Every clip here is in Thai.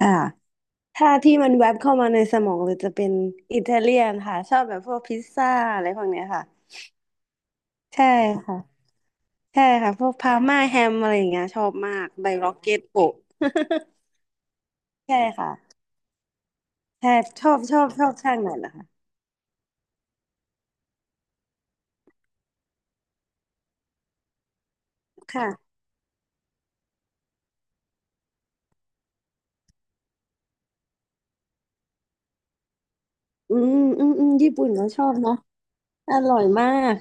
อ่าถ้าที่มันแวบเข้ามาในสมองเลยจะเป็นอิตาเลียนค่ะชอบแบบพวกพิซซ่าอะไรพวกเนี้ยค่ะใช่ค่ะใช่ค่ะพวกพาม่าแฮมอะไรอย่างเงี้ยชอบมากใบล็อกเก็ตโปะ ใช่ค่ะใช่ชอบช่างไหนล่ะคะค่ะอืมอืมอืมญี่ปุ่นก็ชอบเนาะอร่อยมาก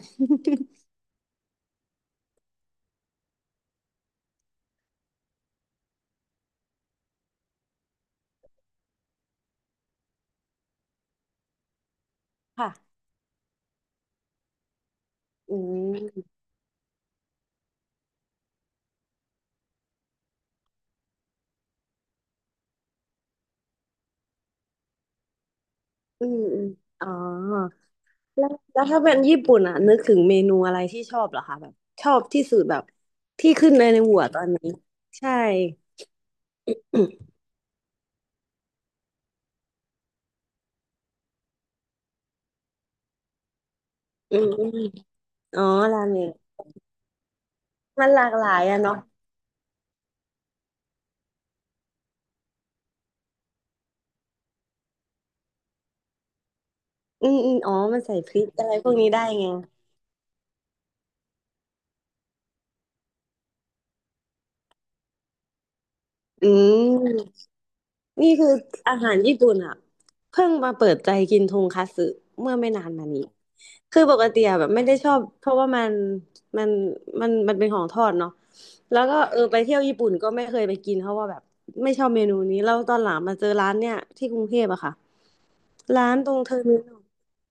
ค่ะอืมอืมอืมอ๋อ แล้วถ้าเป็นญี่ปุ่นอ่ะนึกถึงเมนูอะไรที่ชอบเหรอคะแบบชอบที่สุดแบบที่ขึ้นในหัวตอนนี้ใช่อืมอืมอมอ๋อราเมงมันหลากหลายอะเนาะอืมอืมอ๋อมันใส่พริกอะไรพวกนี้ได้ไงอืมนี่คืออาหารญี่ปุ่นอ่ะเพิ่งมาเปิดใจกินทงคัตสึเมื่อไม่นานมานี้ คือปกติอะแบบไม่ได้ชอบเพราะว่ามันมันมันเป็นของทอดเนาะแล้วก็เออไปเที่ยวญี่ปุ่นก็ไม่เคยไปกินเพราะว่าแบบไม่ชอบเมนูนี้แล้วตอนหลังมาเจอร้านเนี่ยที่กรุงเทพอะค่ะร้านตรงเทอร์มินอล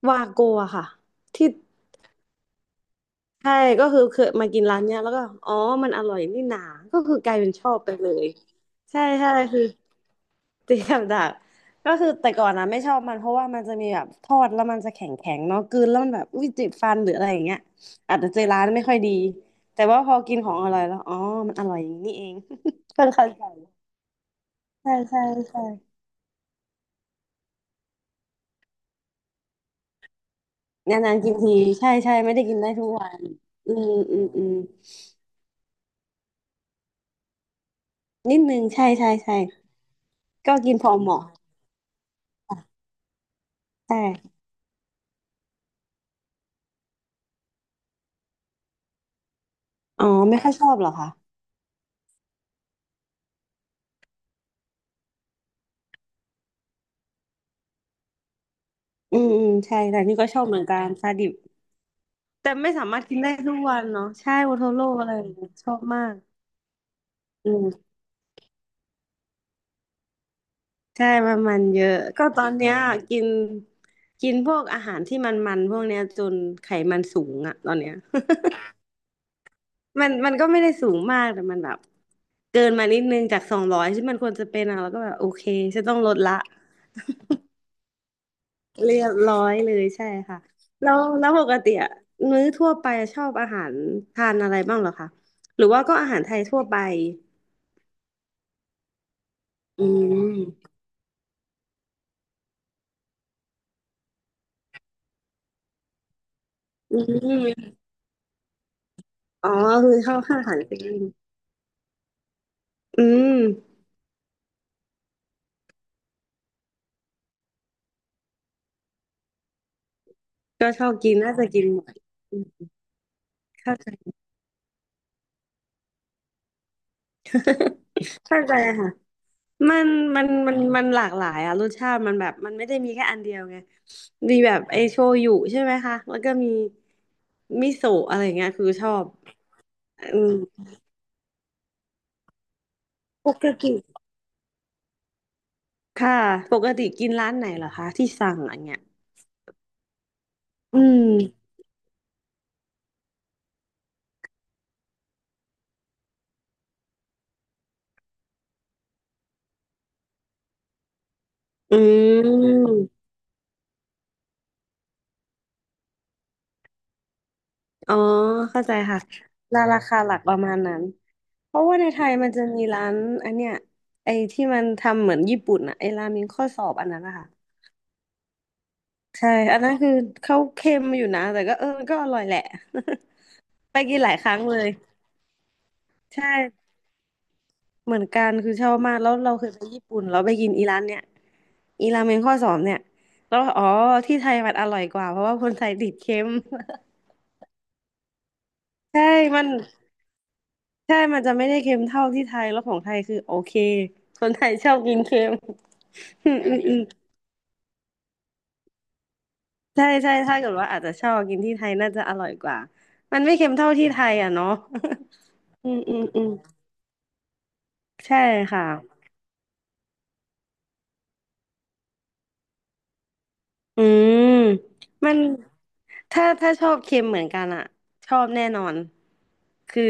วาโกอะค่ะที่ใช่ก็คือเคยมากินร้านเนี้ยแล้วก็อ๋อมันอร่อยนี่หนาก็คือกลายเป็นชอบไปเลยใช่ใช่คือ ตีกับดักก็คือแต่ก่อนนะไม่ชอบมันเพราะว่ามันจะมีแบบทอดแล้วมันจะแข็งแข็งเนาะกลืนแล้วมันแบบอุ้ยเจ็บฟันหรืออะไรอย่างเงี้ยอาจจะเจอร้านไม่ค่อยดีแต่ว่าพอกินของอร่อยแล้วอ๋อมันอร่อยอย่างนี้นี่เอง เพิ่งเข้าใจใช่ใช่ใช่นานๆกินทีใช่ใช่ไม่ได้กินได้ทุกวันอืมอืมอืมนิดนึงใช่ใช่ใช่ก็กินพอเหมาะค่ะใช่อ๋อไม่ค่อยชอบเหรอคะอืมอืมใช่แต่นี่ก็ชอบเหมือนกันซาดิ แต่ไม่สามารถกินได้ทุกวันเนาะใช่โอโทโร่อะไรอย่างเงี้ยชอบมากอืมใช่มันมันเยอะก็ตอนเนี้ยกินกินพวกอาหารที่มันมันพวกเนี้ยจนไขมันสูงอะตอนเนี้ย มันมันก็ไม่ได้สูงมากแต่มันแบบเกินมานิดนึงจาก200ที่มันควรจะเป็นอะแล้วก็แบบโอเคฉันต้องลดละเรียบร้อยเลยใช่ค่ะแล้วปกติอะมื้อทั่วไปชอบอาหารทานอะไรบ้างเหรอคะหรือว่าก็อาหารไทยทั่วไปอืมอืม อ๋อคือชอบข้าวสารปิ้งอืมก็ชอบกินน่าจะกินหมดอืมเข้าใจ เข้าใจค่ะมันมันหลากหลายอะรสชาติมันแบบมันไม่ได้มีแค่อันเดียวไงมีแบบไอโชยุใช่ไหมคะแล้วก็มีมิโซะอะไรเงี้ยคือชอบอืมปกติค่ะปกติกินร้านไหนเหรอคะที่สั่งอันเนี้ยอืมอืมอ๋อเข้าใจค่ะราคาหลักประมาณนั้น เพราะว่าในไทยมันจะมีร้านอันเนี้ยไอ้ที่มันทำเหมือนญี่ปุ่นอะไอ้ราเมงข้อสอบอันนั้นนะคะใช่อันนั้นคือเขาเค็มอยู่นะแต่ก็เออก็อร่อยแหละ ไปกินหลายครั้งเลยใช่เหมือนกันคือชอบมากแล้วเราเคยไปญี่ปุ่นเราไปกินอีร้านเนี้ยอีราเมงข้อสอบเนี่ยแล้วอ๋อที่ไทยมันอร่อยกว่าเพราะว่าคนไทยติดเค็ม ใช่มันใช่มันจะไม่ได้เค็มเท่าที่ไทยแล้วของไทยคือโอเคคนไทยชอบกินเค็ม อืมอืมอืม ใช่ใช่ถ้าเกิดว่าอาจจะชอบกินที่ไทยน่าจะอร่อยกว่ามันไม่เค็มเท่าที่ไทยอ่ะเนาะ อืมอืมอืมใช่ค่ะอืมมันถ้าชอบเค็มเหมือนกันอ่ะชอบแน่นอนคือ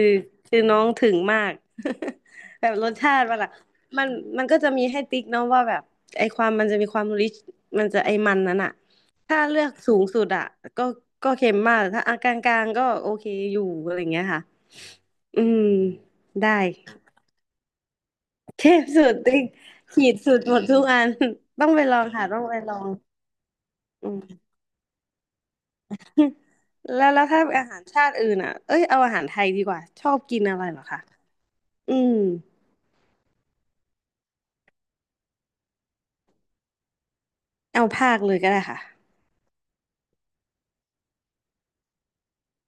คือน้องถึงมาก แบบรสชาติมันอะมันมันก็จะมีให้ติ๊กเนาะว่าแบบไอความมันจะมีความริชมันจะไอมันนั้นอ่ะถ้าเลือกสูงสุดอ่ะก็ก็เค็มมากถ้าอ่ะกลางๆก็โอเคอยู่อะไรอย่างเงี้ยค่ะอืมได้ เทพสุดติ๊กขีดสุดหมดทุกอัน ต้องไปลองค่ะต้องไปลองอืม แล้วถ้าอาหารชาติอื่นอ่ะเอ้ยเอาอาหารไทยดีกว่าชอบกินอะไรเหรอคะอืมเอาภาคเลยก็ได้ค่ะ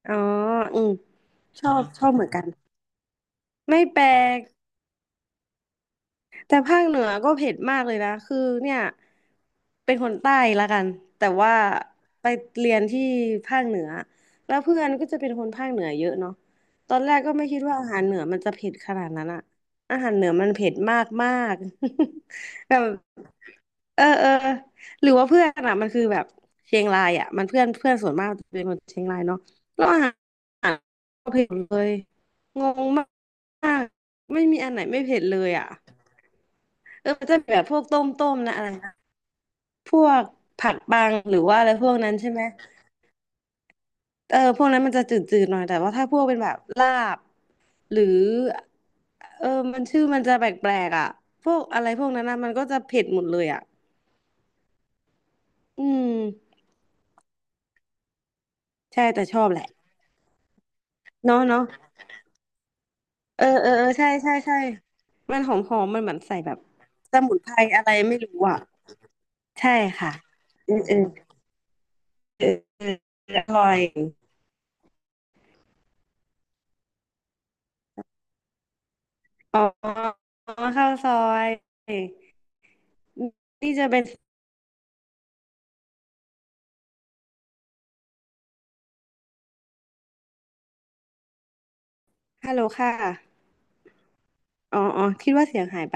อ๋ออืมชอบชอบเหมือนกันไม่แปลก แต่ภาคเหนือก็เผ็ดมากเลยนะคือเนี่ยเป็นคนใต้ละกันแต่ว่าไปเรียนที่ภาคเหนือแล้วเพื่อนก็จะเป็นคนภาคเหนือเยอะเนาะตอนแรกก็ไม่คิดว่าอาหารเหนือมันจะเผ็ดขนาดนั้นอะอาหารเหนือมันเผ็ดมากมาก แบบเออเออหรือว่าเพื่อนอะมันคือแบบเชียงรายอะมันเพื่อนเพื่อนส่วนมากจะเป็นคนเชียงรายเนาะแล้วอาหารเผ็ดเลยงงมากไม่มีอันไหนไม่เผ็ดเลยอ่ะ เออมันจะมีแบบพวกต้มต้มนะอะไรนะพวกผัดบังหรือว่าอะไรพวกนั้นใช่ไหมเออพวกนั้นมันจะจืดๆหน่อยแต่ว่าถ้าพวกเป็นแบบลาบหรือเออมันชื่อมันจะแปลกๆอ่ะพวกอะไรพวกนั้นนะมันก็จะเผ็ดหมดเลยอ่ะอืมใช่แต่ชอบแหละเนาะเนาะเออเออเออใช่ใช่ใช่มันหอมหอมมันเหมือนใส่แบบสมุนไพรอะไรไม่รู้อ่ะใช่ค่ะเออเออเออเอออร่อยอ๋อข้าวซอย นี่จะเป็นฮัลโหลค่ะอ๋ออ๋อคิดว่าเสียงหายไป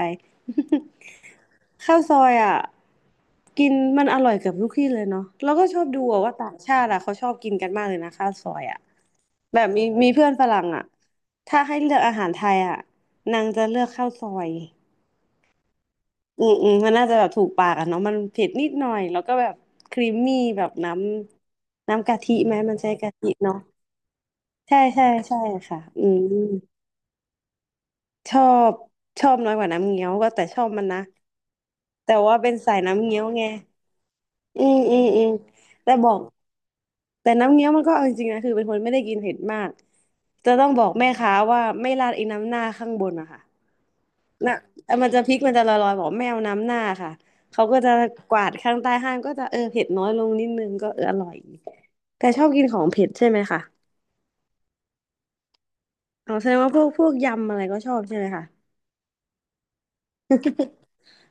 ข้าวซอยอ่ะกินมันอร่อยเกือบทุกที่เลยเนาะแล้วก็ชอบดูอะว่าต่างชาติอ่ะเขาชอบกินกันมากเลยนะข้าวซอยอ่ะแบบมีเพื่อนฝรั่งอ่ะถ้าให้เลือกอาหารไทยอ่ะนางจะเลือกข้าวซอยอืมอืมมันน่าจะแบบถูกปากอ่ะเนาะมันเผ็ดนิดหน่อย แล้วก็แบบครีมมี่แบบน้ำน้ำกะทิไหมมันใช้กะทิเนาะใช่ใช่ใช่ค่ะอืม ชอบชอบน้อยกว่าน้ำเงี้ยวก็แต่ชอบมันนะแต่ว่าเป็นสายน้ำเงี้ยวไงอืมอืมอืมแต่บอกแต่น้ำเงี้ยวมันก็เอาจริงๆนะคือเป็นคนไม่ได้กินเผ็ดมากจะต้องบอกแม่ค้าว่าไม่ราดไอ้น้ำหน้าข้างบนอะค่ะนะมันจะพริกมันจะลอยๆบอกไม่เอาน้ำหน้าค่ะเขาก็จะกวาดข้างใต้ห้างก็จะเออเผ็ดน้อยลงนิดนึงก็เอออร่อยแต่ชอบกินของเผ็ดใช่ไหมคะอ๋อแสดงว่าพวกยำอะไรก็ชอบใช่ไหมคะ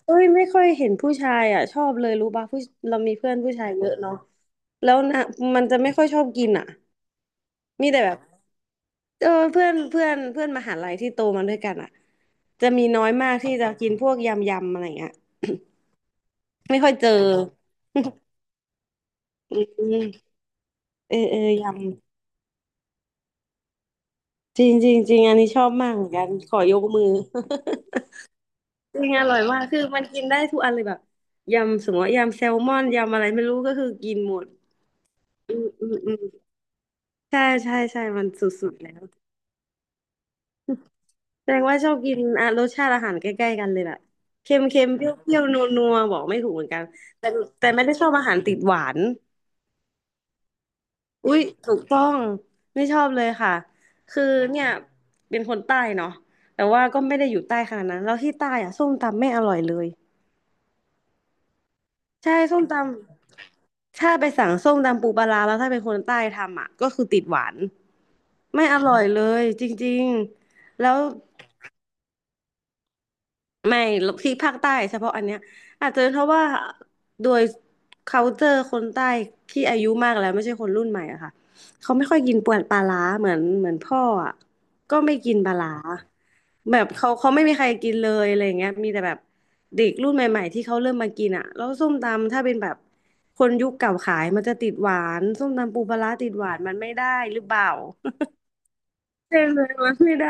เอ้ยไม่ค่อยเห็นผู้ชายอ่ะชอบเลยรู้ป่ะผู้เรามีเพื่อนผู้ชายเยอะเนาะแล้วนะมันจะไม่ค่อยชอบกินอ่ะมีแต่แบบเออเพื่อนเพื่อนเพื่อนมหาลัยที่โตมาด้วยกันอ่ะจะมีน้อยมากที่จะกินพวกยำยำอะไรเงี้ย ไม่ค่อยเจอ อืมเออเออยำจริงจริงจริงอันนี้ชอบมากเหมือนกันขอยกมือ จริงอร่อยมากคือมันกินได้ทุกอันเลยแบบยำสมมติว่ายำแซลมอนยำอะไรไม่รู้ก็คือกินหมดอืมอืม ใช่ใช่ใช่มันสุดๆแล้วแสดงว่าชอบกินอ่ะรสชาติอาหารใกล้ๆกันเลยแบบเค็มเค็มเปรี้ยวเปรี้ยวนัวนัวบอกไม่ถูกเหมือนกันแต่แต่ไม่ได้ชอบอาหารติดหวานอุ้ยถูกต้องไม่ชอบเลยค่ะคือเนี่ยเป็นคนใต้เนาะแต่ว่าก็ไม่ได้อยู่ใต้ขนาดนั้นแล้วที่ใต้อะส้มตำไม่อร่อยเลยใช่ส้มตำถ้าไปสั่งส้มตำปูปลาร้าแล้วถ้าเป็นคนใต้ทำอ่ะก็คือติดหวานไม่อร่อยเลยจริงๆ แล้ว ไม่ที่ภาคใต้เฉพาะอันเนี้ยอาจจะเป็นเพราะว่าโดย culture คนใต้ที่อายุมากแล้วไม่ใช่คนรุ่นใหม่อะค่ะเขาไม่ค่อยกินปวนปลาร้าเหมือนพ่ออะก็ไม่กินปลาร้าแบบเขาไม่มีใครกินเลยอะไรอย่างเงี้ยมีแต่แบบเด็กรุ่นใหม่ๆที่เขาเริ่มมากินอะแล้วส้มตำถ้าเป็นแบบคนยุคเก่าขายมันจะติดหวานส้มตำปูปลาร้าติดหวานมันไม่ได้หรือเปล่า ใช่เลยมันไม่ได้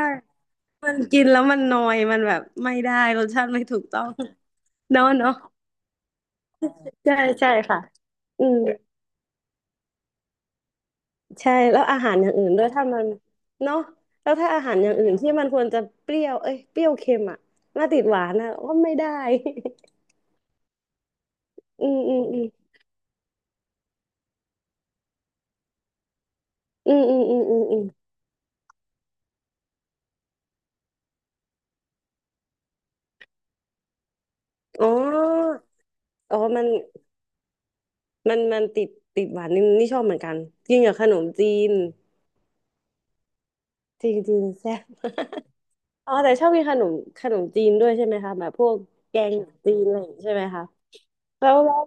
มันกินแล้วมันนอยมันแบบไม่ได้รสชาติไม่ถูกต้อง เนาะเนาะใช่ใช่ค่ะอืมใช่แล้วอาหารอย่างอื่นด้วยถ้ามันเนาะแล้วถ้าอาหารอย่างอื่นที่มันควรจะเปรี้ยวเอ้ยเปรี้ยวเค็มอ่ะมาติดหวานอ่ะก็ไม่ได้ อืมอืมอืมอืมอืมอืมอืมอืมอ๋ออ๋อมันมันติดติดหวานนี่นี่ชอบเหมือนกันกินกับขนมจีนจริงจริงแซ่บ อ๋อแต่ชอบกินขนมจีนด้วยใช่ไหมคะแบบพวกแกงจีนอะไรอย่างงี้ใช่ไหมคะ แล้ว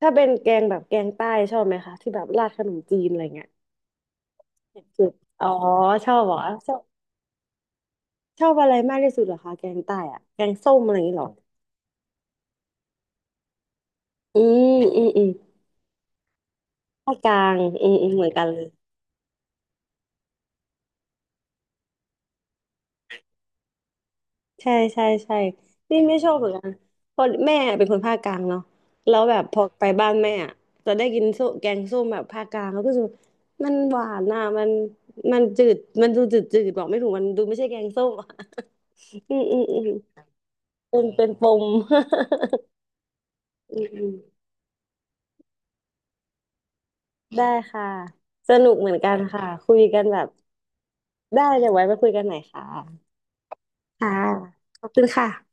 ถ้าเป็นแกงแบบแกงใต้ชอบไหมคะที่แบบราดขนมจีนอะไรเงี้ยเผ็ดสุดอ๋อชอบเหรอชอบชอบอะไรมากที่สุดเหรอคะแกงใต้อะแกงส้มอะไรอย่างงี้เหรออืมอืมอืมภาคกลางอืมอืมเหมือนกันเลยใช่ใช่ใช่นี่ไม่ชอบเหมือนกันเพราะแม่เป็นคนภาคกลางเนาะแล้วแบบพอไปบ้านแม่อะจะได้กินส้มแกงส้มแบบภาคกลางแล้วก็รู้สึกว่ามันหวานน่ะมันมันจืดมันดูจืดจืดบอกไม่ถูกมันดูไม่ใช่แกงส้มอะ อืมอืมอืม เป็นปม อืม ได้ค่ะสนุกเหมือนกันค่ะคุยกันแบบได้เดี๋ยวไว้มาคุยกันใหม่ค่ะค่ะขอบคุณค่ะ